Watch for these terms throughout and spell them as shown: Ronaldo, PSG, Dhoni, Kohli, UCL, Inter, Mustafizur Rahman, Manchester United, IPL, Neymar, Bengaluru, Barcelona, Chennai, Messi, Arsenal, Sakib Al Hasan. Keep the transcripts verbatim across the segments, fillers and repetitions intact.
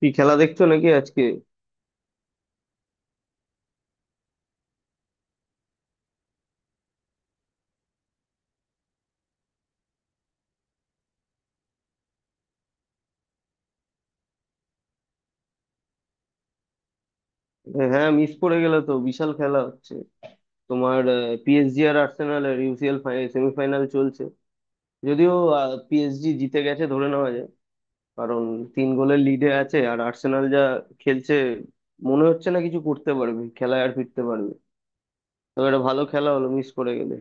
কি খেলা দেখছো নাকি আজকে? হ্যাঁ, মিস করে গেলে তো, বিশাল খেলা হচ্ছে তোমার। পিএসজি আর আর্সেনালের ইউসিএল সেমিফাইনাল চলছে। যদিও পিএসজি জিতে গেছে ধরে নেওয়া যায়, কারণ তিন গোলের লিডে আছে। আর আর্সেনাল যা খেলছে, মনে হচ্ছে না কিছু করতে পারবে, খেলায় আর ফিরতে পারবে। তবে একটা ভালো খেলা হলো, মিস করে গেলে।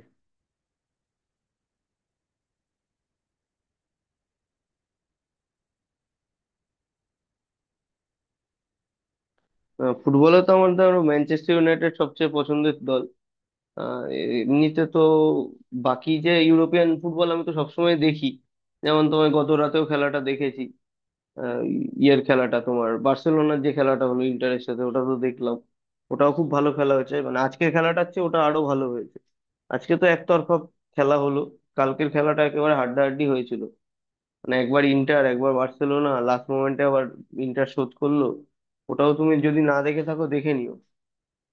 আহ, ফুটবলে তো আমার ধরো ম্যানচেস্টার ইউনাইটেড সবচেয়ে পছন্দের দল। আহ, এমনিতে তো বাকি যে ইউরোপিয়ান ফুটবল, আমি তো সবসময় দেখি। যেমন তোমার গত রাতেও খেলাটা দেখেছি। আহ, ইয়ের খেলাটা, তোমার বার্সেলোনার যে খেলাটা হলো ইন্টারের সাথে, ওটা তো দেখলাম। ওটাও খুব ভালো খেলা হয়েছে, মানে আজকের খেলাটার চেয়ে ওটা আরো ভালো হয়েছে। আজকে তো একতরফা খেলা হলো। কালকের খেলাটা একেবারে হাড্ডাহাড্ডি হয়েছিল। মানে একবার ইন্টার, একবার বার্সেলোনা, লাস্ট মোমেন্টে আবার ইন্টার শোধ করলো। ওটাও তুমি যদি না দেখে থাকো, দেখে নিও।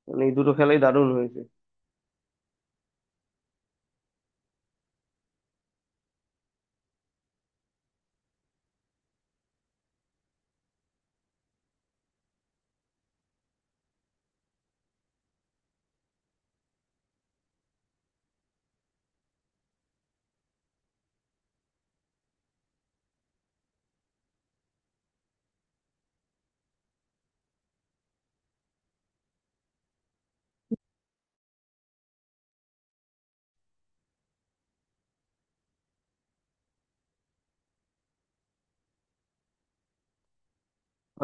মানে এই দুটো খেলাই দারুণ হয়েছে।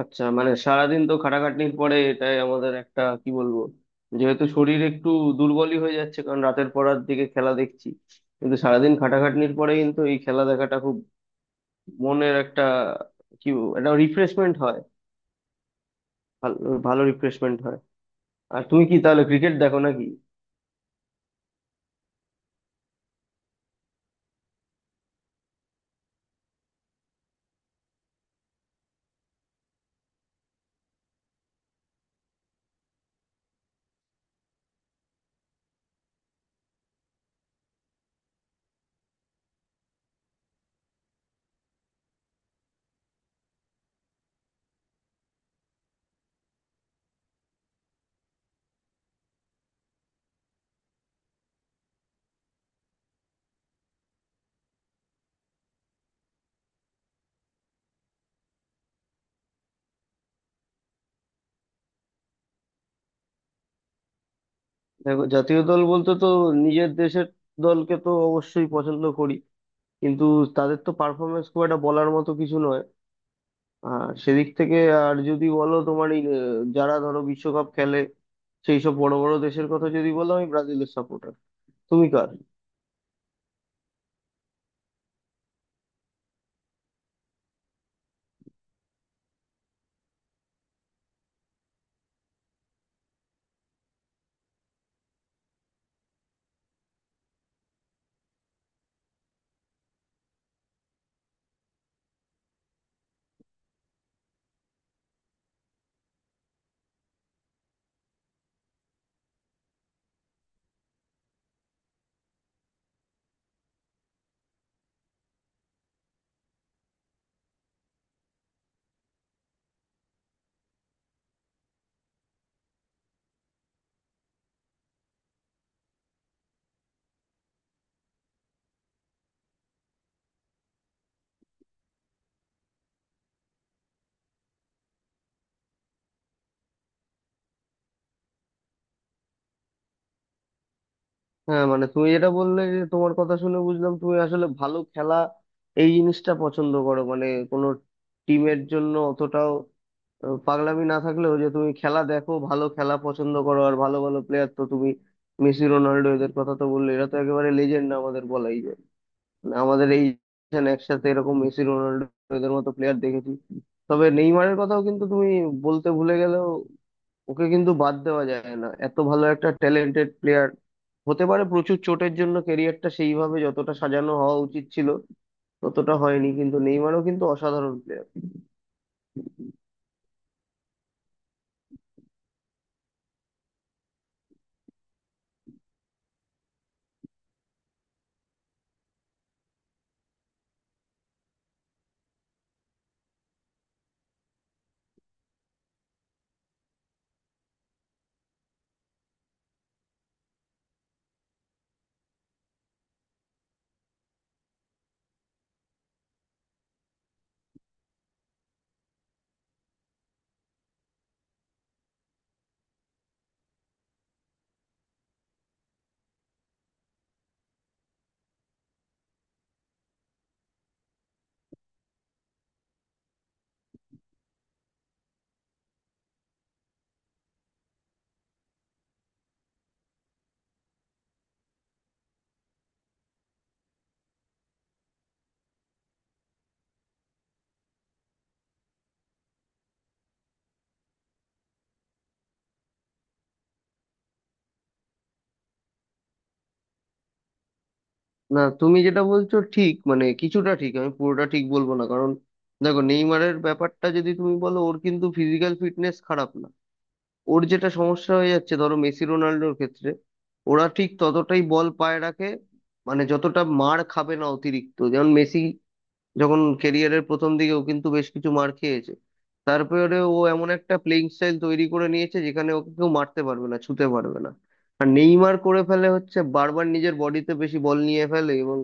আচ্ছা, মানে সারাদিন তো খাটাখাটনির পরে এটাই আমাদের একটা, কি বলবো, যেহেতু শরীর একটু দুর্বলই হয়ে যাচ্ছে, কারণ রাতের পরার দিকে খেলা দেখছি। কিন্তু সারাদিন খাটাখাটনির পরে কিন্তু এই খেলা দেখাটা খুব মনের একটা, কি বলবো, একটা রিফ্রেশমেন্ট হয়। ভালো, ভালো রিফ্রেশমেন্ট হয়। আর তুমি কি তাহলে ক্রিকেট দেখো নাকি? দেখো, জাতীয় দল বলতে তো নিজের দেশের দলকে তো অবশ্যই পছন্দ করি, কিন্তু তাদের তো পারফরমেন্স খুব একটা বলার মতো কিছু নয়। আর সেদিক থেকে, আর যদি বলো তোমার এই আহ, যারা ধরো বিশ্বকাপ খেলে, সেই সব বড় বড় দেশের কথা যদি বলো, আমি ব্রাজিলের সাপোর্টার। তুমি কার? হ্যাঁ, মানে তুমি যেটা বললে, যে তোমার কথা শুনে বুঝলাম, তুমি আসলে ভালো খেলা এই জিনিসটা পছন্দ করো, মানে কোনো টিমের জন্য অতটাও আহ, পাগলামি না থাকলেও, যে তুমি খেলা দেখো, ভালো খেলা পছন্দ করো। আর ভালো ভালো প্লেয়ার তো তুমি মেসি রোনাল্ডো এদের কথা তো বললে, এরা তো একেবারে লেজেন্ড আমাদের বলাই যায়। আমাদের এই generation একসাথে এরকম মেসি রোনাল্ডো এদের মতো প্লেয়ার দেখেছি। তবে নেইমারের কথাও কিন্তু তুমি বলতে ভুলে গেলেও, ওকে কিন্তু বাদ দেওয়া যায় না, এত ভালো একটা ট্যালেন্টেড প্লেয়ার। হতে পারে প্রচুর চোটের জন্য ক্যারিয়ারটা সেইভাবে যতটা সাজানো হওয়া উচিত ছিল ততটা হয়নি, কিন্তু নেইমারও কিন্তু অসাধারণ প্লেয়ার। না, তুমি যেটা বলছো ঠিক, মানে কিছুটা ঠিক, আমি পুরোটা ঠিক বলবো না। কারণ দেখো, নেইমারের ব্যাপারটা যদি তুমি বলো, ওর কিন্তু ফিজিক্যাল ফিটনেস খারাপ না। ওর যেটা সমস্যা হয়ে যাচ্ছে, ধরো মেসি রোনাল্ডোর ক্ষেত্রে, ওরা ঠিক ততটাই বল পায়ে রাখে, মানে যতটা মার খাবে না অতিরিক্ত। যেমন মেসি যখন কেরিয়ারের প্রথম দিকে, ও কিন্তু বেশ কিছু মার খেয়েছে। তারপরে ও এমন একটা প্লেইং স্টাইল তৈরি করে নিয়েছে যেখানে ওকে কেউ মারতে পারবে না, ছুতে পারবে না। আর নেইমার করে ফেলে হচ্ছে, বারবার নিজের বডিতে বেশি বল নিয়ে ফেলে। এবং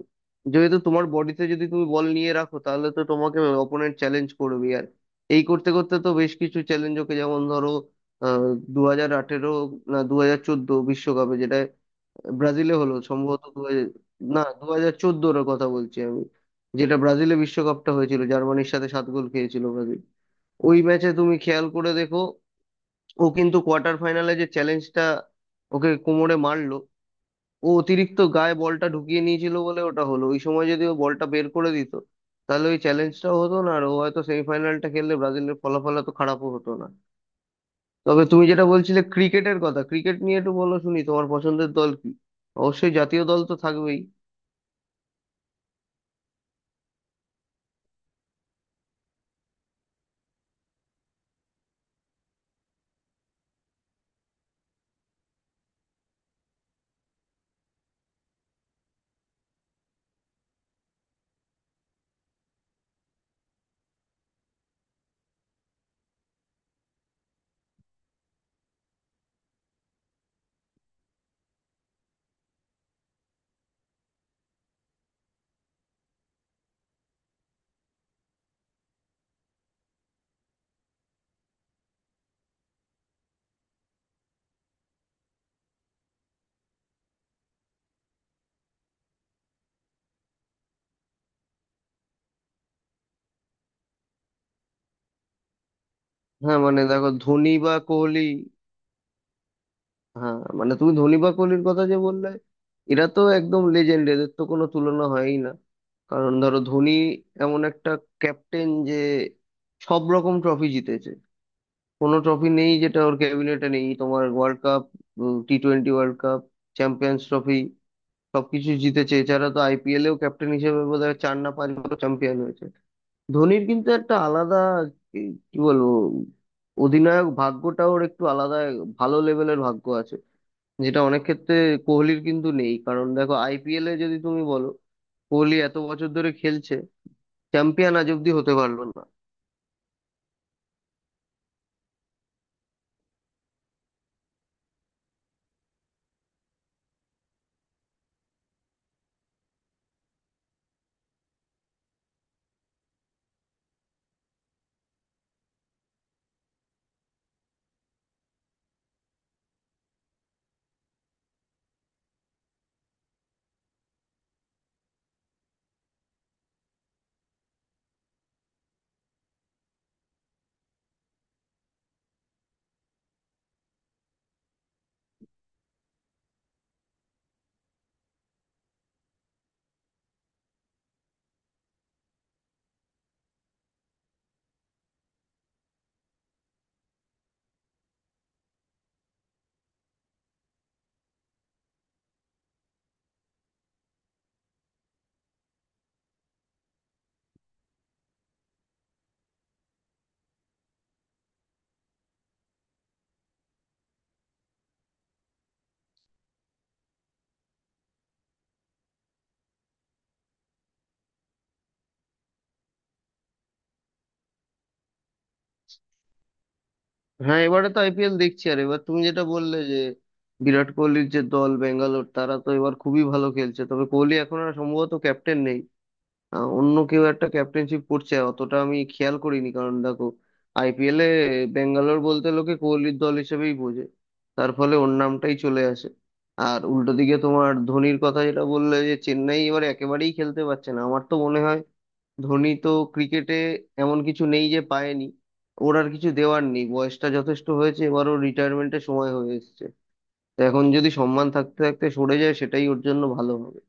যেহেতু তোমার বডিতে যদি তুমি বল নিয়ে রাখো, তাহলে তো তোমাকে অপোনেন্ট চ্যালেঞ্জ করবে। আর এই করতে করতে তো বেশ কিছু চ্যালেঞ্জ ওকে, যেমন ধরো আহ দু হাজার আঠেরো না দু হাজার চোদ্দ বিশ্বকাপে, যেটা ব্রাজিলে হলো, সম্ভবত দু হাজার- না দু হাজার চোদ্দোর কথা বলছি আমি, যেটা ব্রাজিলে বিশ্বকাপটা হয়েছিল, জার্মানির সাথে সাত গোল খেয়েছিল ব্রাজিল। ওই ম্যাচে তুমি খেয়াল করে দেখো, ও কিন্তু কোয়ার্টার ফাইনালে যে চ্যালেঞ্জটা ওকে কোমরে মারলো, ও অতিরিক্ত গায়ে বলটা ঢুকিয়ে নিয়েছিল বলে ওটা হলো। ওই সময় যদি ও বলটা বের করে দিত, তাহলে ওই চ্যালেঞ্জটাও হতো না, আর ও হয়তো সেমিফাইনালটা খেললে ব্রাজিলের ফলাফল তো খারাপও হতো না। তবে তুমি যেটা বলছিলে ক্রিকেটের কথা, ক্রিকেট নিয়ে একটু বলো শুনি, তোমার পছন্দের দল কি? অবশ্যই জাতীয় দল তো থাকবেই। হ্যাঁ, মানে দেখো, ধোনি বা কোহলি, হ্যাঁ মানে তুমি ধোনি বা কোহলির কথা যে বললে, এরা তো একদম লেজেন্ড, এদের তো কোনো তুলনা হয়ই না। কারণ ধরো ধোনি এমন একটা ক্যাপ্টেন যে সব রকম ট্রফি জিতেছে। কোনো ট্রফি নেই যেটা ওর ক্যাবিনেটে নেই, তোমার world cup, T twenty world cup, champions trophy, সবকিছু জিতেছে। এছাড়া তো আইপিএলেও ক্যাপ্টেন হিসেবে বোধহয় চার না পাঁচবার চ্যাম্পিয়ন হয়েছে। ধোনির কিন্তু একটা আলাদা, কি, কি বলবো, অধিনায়ক ভাগ্যটা ওর একটু আলাদা, ভালো লেভেলের ভাগ্য আছে, যেটা অনেক ক্ষেত্রে কোহলির কিন্তু নেই। কারণ দেখো, আইপিএল এ যদি তুমি বলো, কোহলি এত বছর ধরে খেলছে, চ্যাম্পিয়ন আজ অব্দি হতে পারলো না। হ্যাঁ, এবারে তো আইপিএল দেখছি। আর এবার তুমি যেটা বললে যে বিরাট কোহলির যে দল বেঙ্গালোর, তারা তো এবার খুবই ভালো খেলছে। তবে কোহলি এখন আর সম্ভবত ক্যাপ্টেন নেই, আহ, অন্য কেউ একটা ক্যাপ্টেনশিপ করছে, অতটা আমি খেয়াল করিনি। কারণ দেখো, আইপিএলে বেঙ্গালোর বলতে লোকে কোহলির দল হিসেবেই বোঝে, তার ফলে ওর নামটাই চলে আসে। আর উল্টো দিকে তোমার ধোনির কথা যেটা বললে, যে চেন্নাই এবার একেবারেই খেলতে পারছে না, আমার তো মনে হয় ধোনি তো ক্রিকেটে এমন কিছু নেই যে পায়নি। ওর আর কিছু দেওয়ার নেই, বয়সটা যথেষ্ট হয়েছে, এবার ওর রিটায়ারমেন্টের সময় হয়ে এসেছে। তো এখন যদি সম্মান থাকতে থাকতে সরে যায়, সেটাই ওর জন্য ভালো হবে।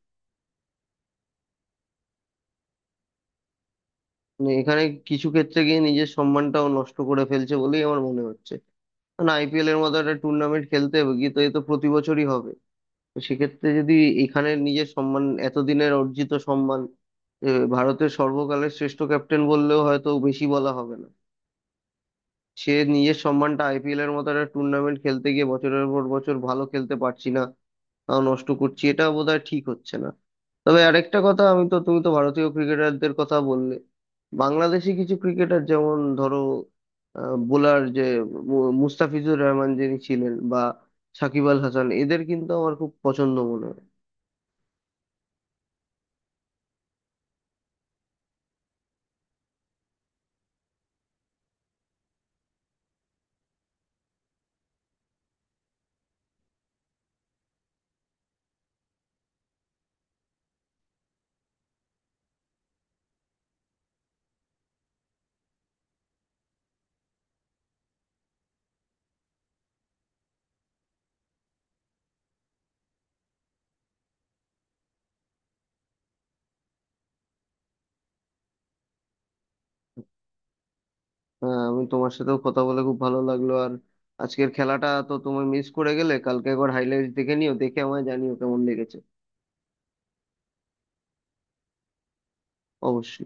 মানে এখানে কিছু ক্ষেত্রে গিয়ে নিজের সম্মানটাও নষ্ট করে ফেলছে বলেই আমার মনে হচ্ছে। কারণ আইপিএল এর মতো একটা টুর্নামেন্ট, খেলতে হবে গিয়ে তো, এ তো প্রতি বছরই হবে। তো সেক্ষেত্রে যদি এখানে নিজের সম্মান, এতদিনের অর্জিত সম্মান, এ, ভারতের সর্বকালের শ্রেষ্ঠ ক্যাপ্টেন বললেও হয়তো বেশি বলা হবে না, সে নিজের সম্মানটা আইপিএল এর মতো একটা টুর্নামেন্ট খেলতে গিয়ে, বছরের পর বছর ভালো খেলতে পারছি না, তাও নষ্ট করছি, এটা বোধহয় ঠিক হচ্ছে না। তবে আরেকটা কথা, আমি তো, তুমি তো ভারতীয় ক্রিকেটারদের কথা বললে, বাংলাদেশি কিছু ক্রিকেটার যেমন ধরো, বোলার যে মু- মুস্তাফিজুর রহমান যিনি ছিলেন, বা সাকিব আল হাসান, এদের কিন্তু আমার খুব পছন্দ মনে হয়। হ্যাঁ, আমি তোমার সাথেও কথা বলে খুব ভালো লাগলো। আর আজকের খেলাটা তো তুমি মিস করে গেলে, কালকে একবার হাইলাইট দেখে নিও, দেখে আমায় জানিও কেমন লেগেছে। অবশ্যই।